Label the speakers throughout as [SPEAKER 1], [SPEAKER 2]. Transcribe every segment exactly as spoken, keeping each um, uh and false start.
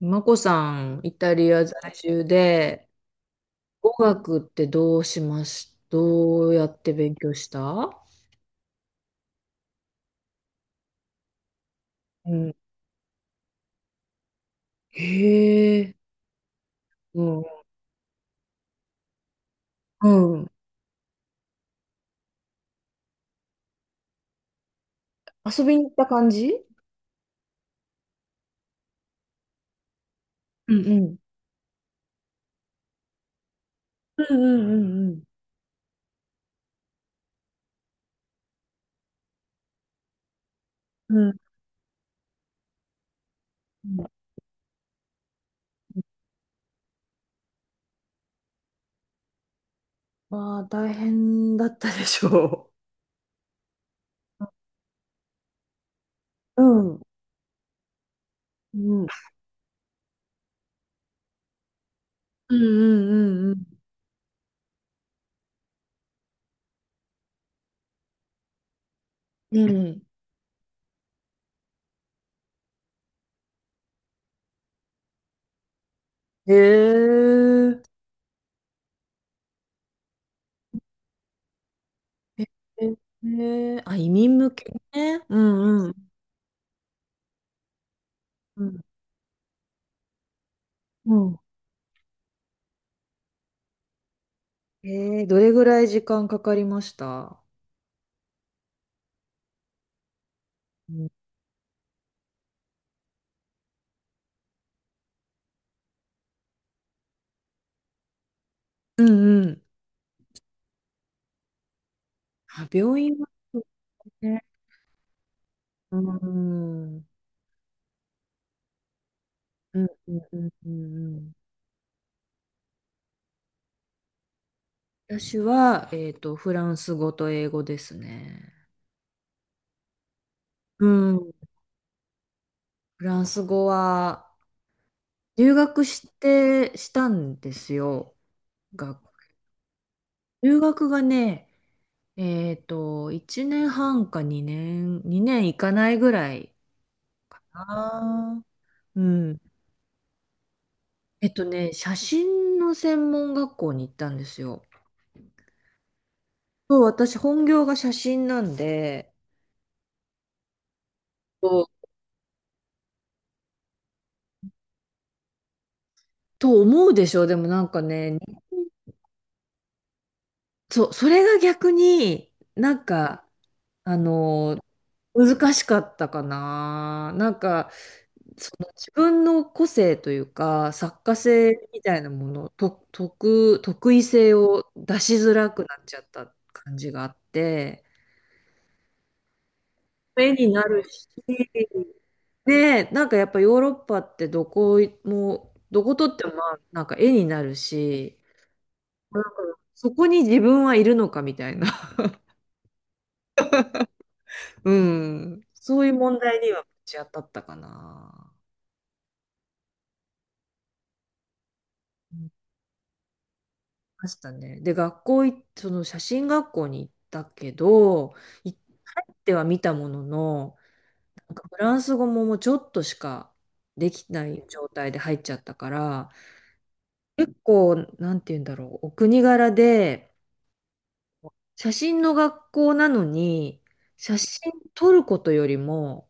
[SPEAKER 1] マコさん、イタリア在住で、語学ってどうしますどうやって勉強した？うん。へえ。うん。うん。遊びに行った感じ？うんうん。うんうんうん。うんうん。まあ、大変だったでしょう？うん。うんう。んうんうんうん。うん。へえ。へえ、あ、移民向けね。うんうん。うん。うん。えー、どれぐらい時間かかりました？うんうんうん。あ、病院は。そうね。うん。うんうんうんうんうん。私は、えっと、フランス語と英語ですね。うん。フランス語は留学してしたんですよ。が、留学がね、えっと、いちねんはんかにねん、にねんいかないぐらいかな。うん。えっとね、写真の専門学校に行ったんですよ。そう、私本業が写真なんで、そうと思うでしょ？でもなんかね、そう、それが逆になんか、あの、難しかったかな。なんか、その自分の個性というか、作家性みたいなもの、と、得、得意性を出しづらくなっちゃった感じがあって、目になるし、ねえ、なんかやっぱヨーロッパってどこも、どこ撮ってもまあなんか絵になるし、うん、そこに自分はいるのかみたいな。うん、そういう問題にはぶち当たったかな。うん、ましたね。で、学校い、その写真学校に行ったけど、い入っては見たものの、なんかフランス語ももうちょっとしかできない状態で入っちゃったから、結構、なんて言うんだろう、お国柄で、写真の学校なのに、写真撮ることよりも、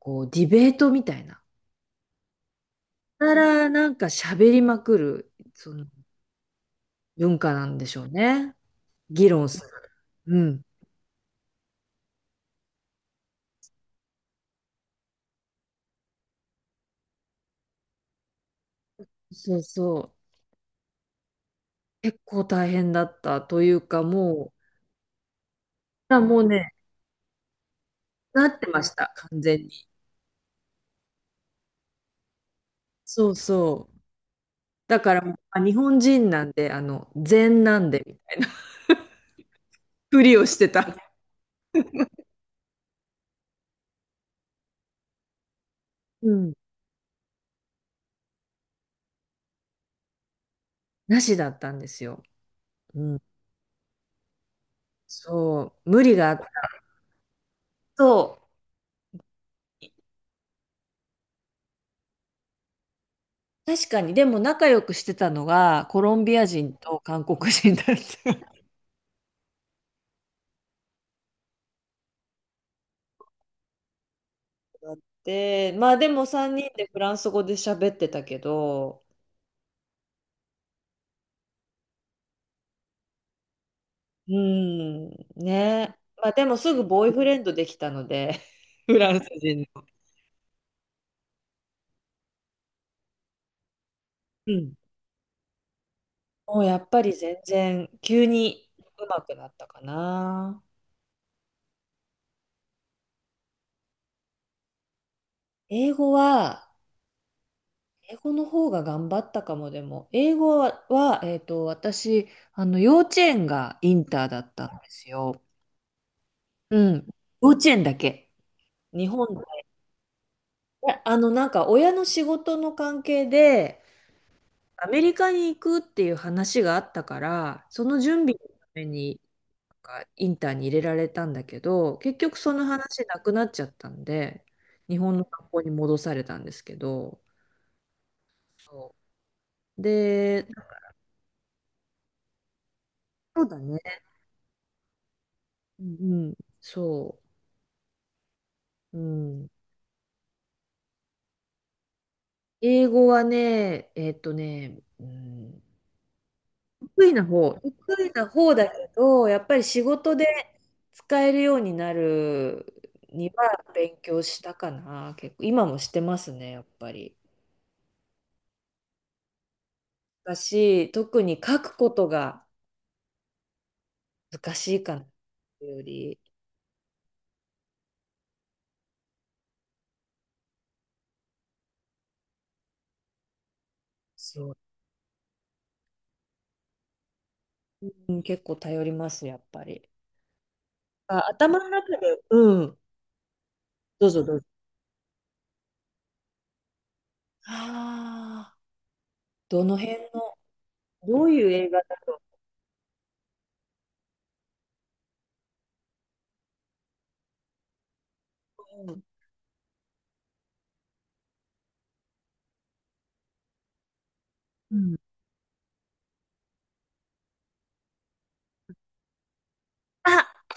[SPEAKER 1] こう、ディベートみたいな。やらなんか喋りまくる、その文化なんでしょうね。議論する。うん。そうそう。結構大変だったというか、もう、あ、もうね、なってました、完全に。そうそう。だからもう、あ、日本人なんで、あの、禅なんで、みたいなふりをしてた。うん。なしだったんですよ。うん。そう。無理があった。そう。確かに、でも仲良くしてたのが、コロンビア人と韓国人だった。で、まあでもさんにんでフランス語で喋ってたけど、うん、ね。まあでもすぐボーイフレンドできたので、フランス人の。うん。もうやっぱり全然急に上手くなったかな。英語は、英語の方が頑張ったかもでも、英語は、えっと、私、あの、幼稚園がインターだったんですよ。うん。幼稚園だけ。日本で。えあの、なんか親の仕事の関係で、アメリカに行くっていう話があったから、その準備のために、なんかインターに入れられたんだけど、結局その話なくなっちゃったんで、日本の学校に戻されたんですけど、そうで、そうだね。うんうん、そう。うん。英語はね、えっとね、うん、得意な方。得意な方だけど、やっぱり仕事で使えるようになるには勉強したかな、結構。今もしてますね、やっぱり。だし、特に書くことが難しいかなっていうより、そう、うん、結構頼ります、やっぱり。あ、頭の中で、うん、どうぞどうぞ。ああ、どの辺の、どういう映画だと？うんうん。あ、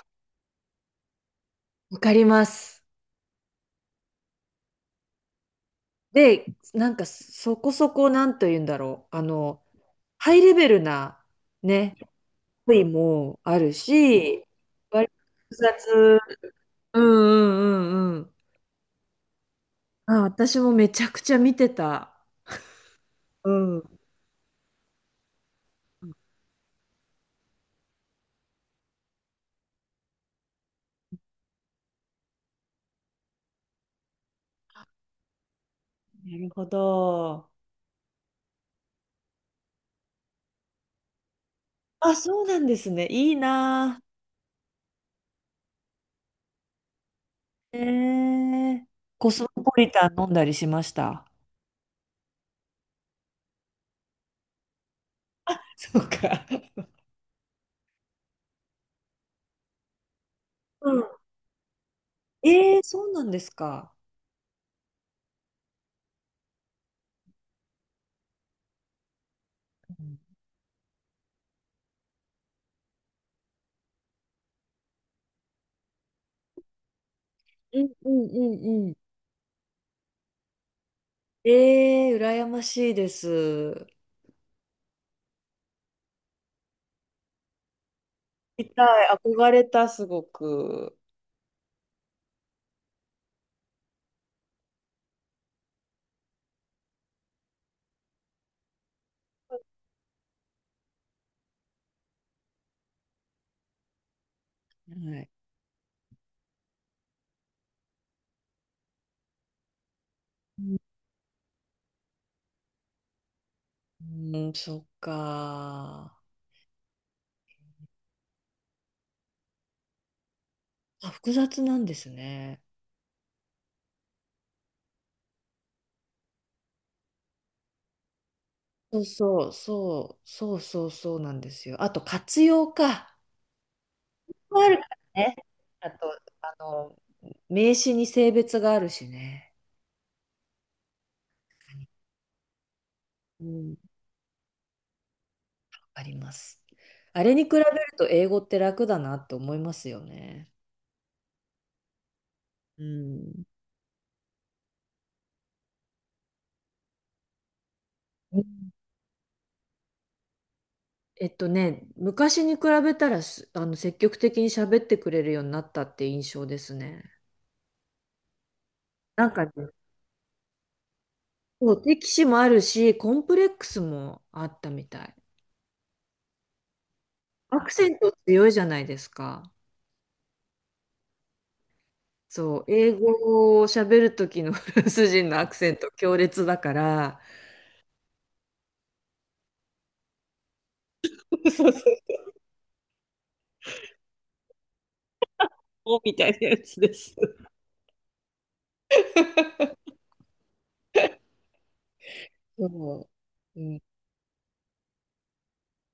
[SPEAKER 1] わかります。で、なんかそこそこなんと言うんだろう、あの、ハイレベルなね、恋もあるし、割と複雑。うんうんうんうん。あ、私もめちゃくちゃ見てた。うん。なるほど。あ、そうなんですね。いいなぁ。えー、コスモポリタン飲んだりしました。そうか。うん。えー、そうなんですか？うんうんうんうんうん。えー、羨ましいです。見たい。憧れた、すごく。はい。うんうん、そっか。あ、複雑なんですね。そうそうそう、そうそうそうなんですよ。あと活用か。あるからね。あと、あの、名詞に性別があるしね。うん、わかります。あれに比べると英語って楽だなって思いますよね。うん。えっとね、昔に比べたらす、あの、積極的に喋ってくれるようになったって印象ですね。なんかね、そう、敵視もあるし、コンプレックスもあったみたい。アクセント強いじゃないですか。そう、英語を喋る時のフランス人のアクセント強烈だから、そうそう。そう、みたいなやつです。そう、うん、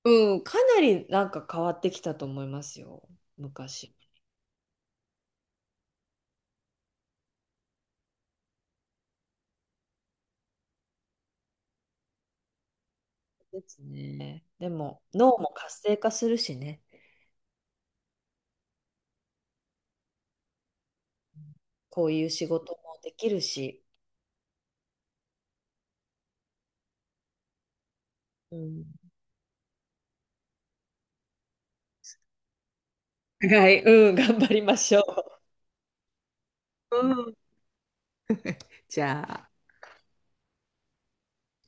[SPEAKER 1] うん、かなりなんか変わってきたと思いますよ、昔。ですね。でも、脳も活性化するしね。こういう仕事もできるし、うん、はい、うん、頑張りましょう。うん、じゃあ。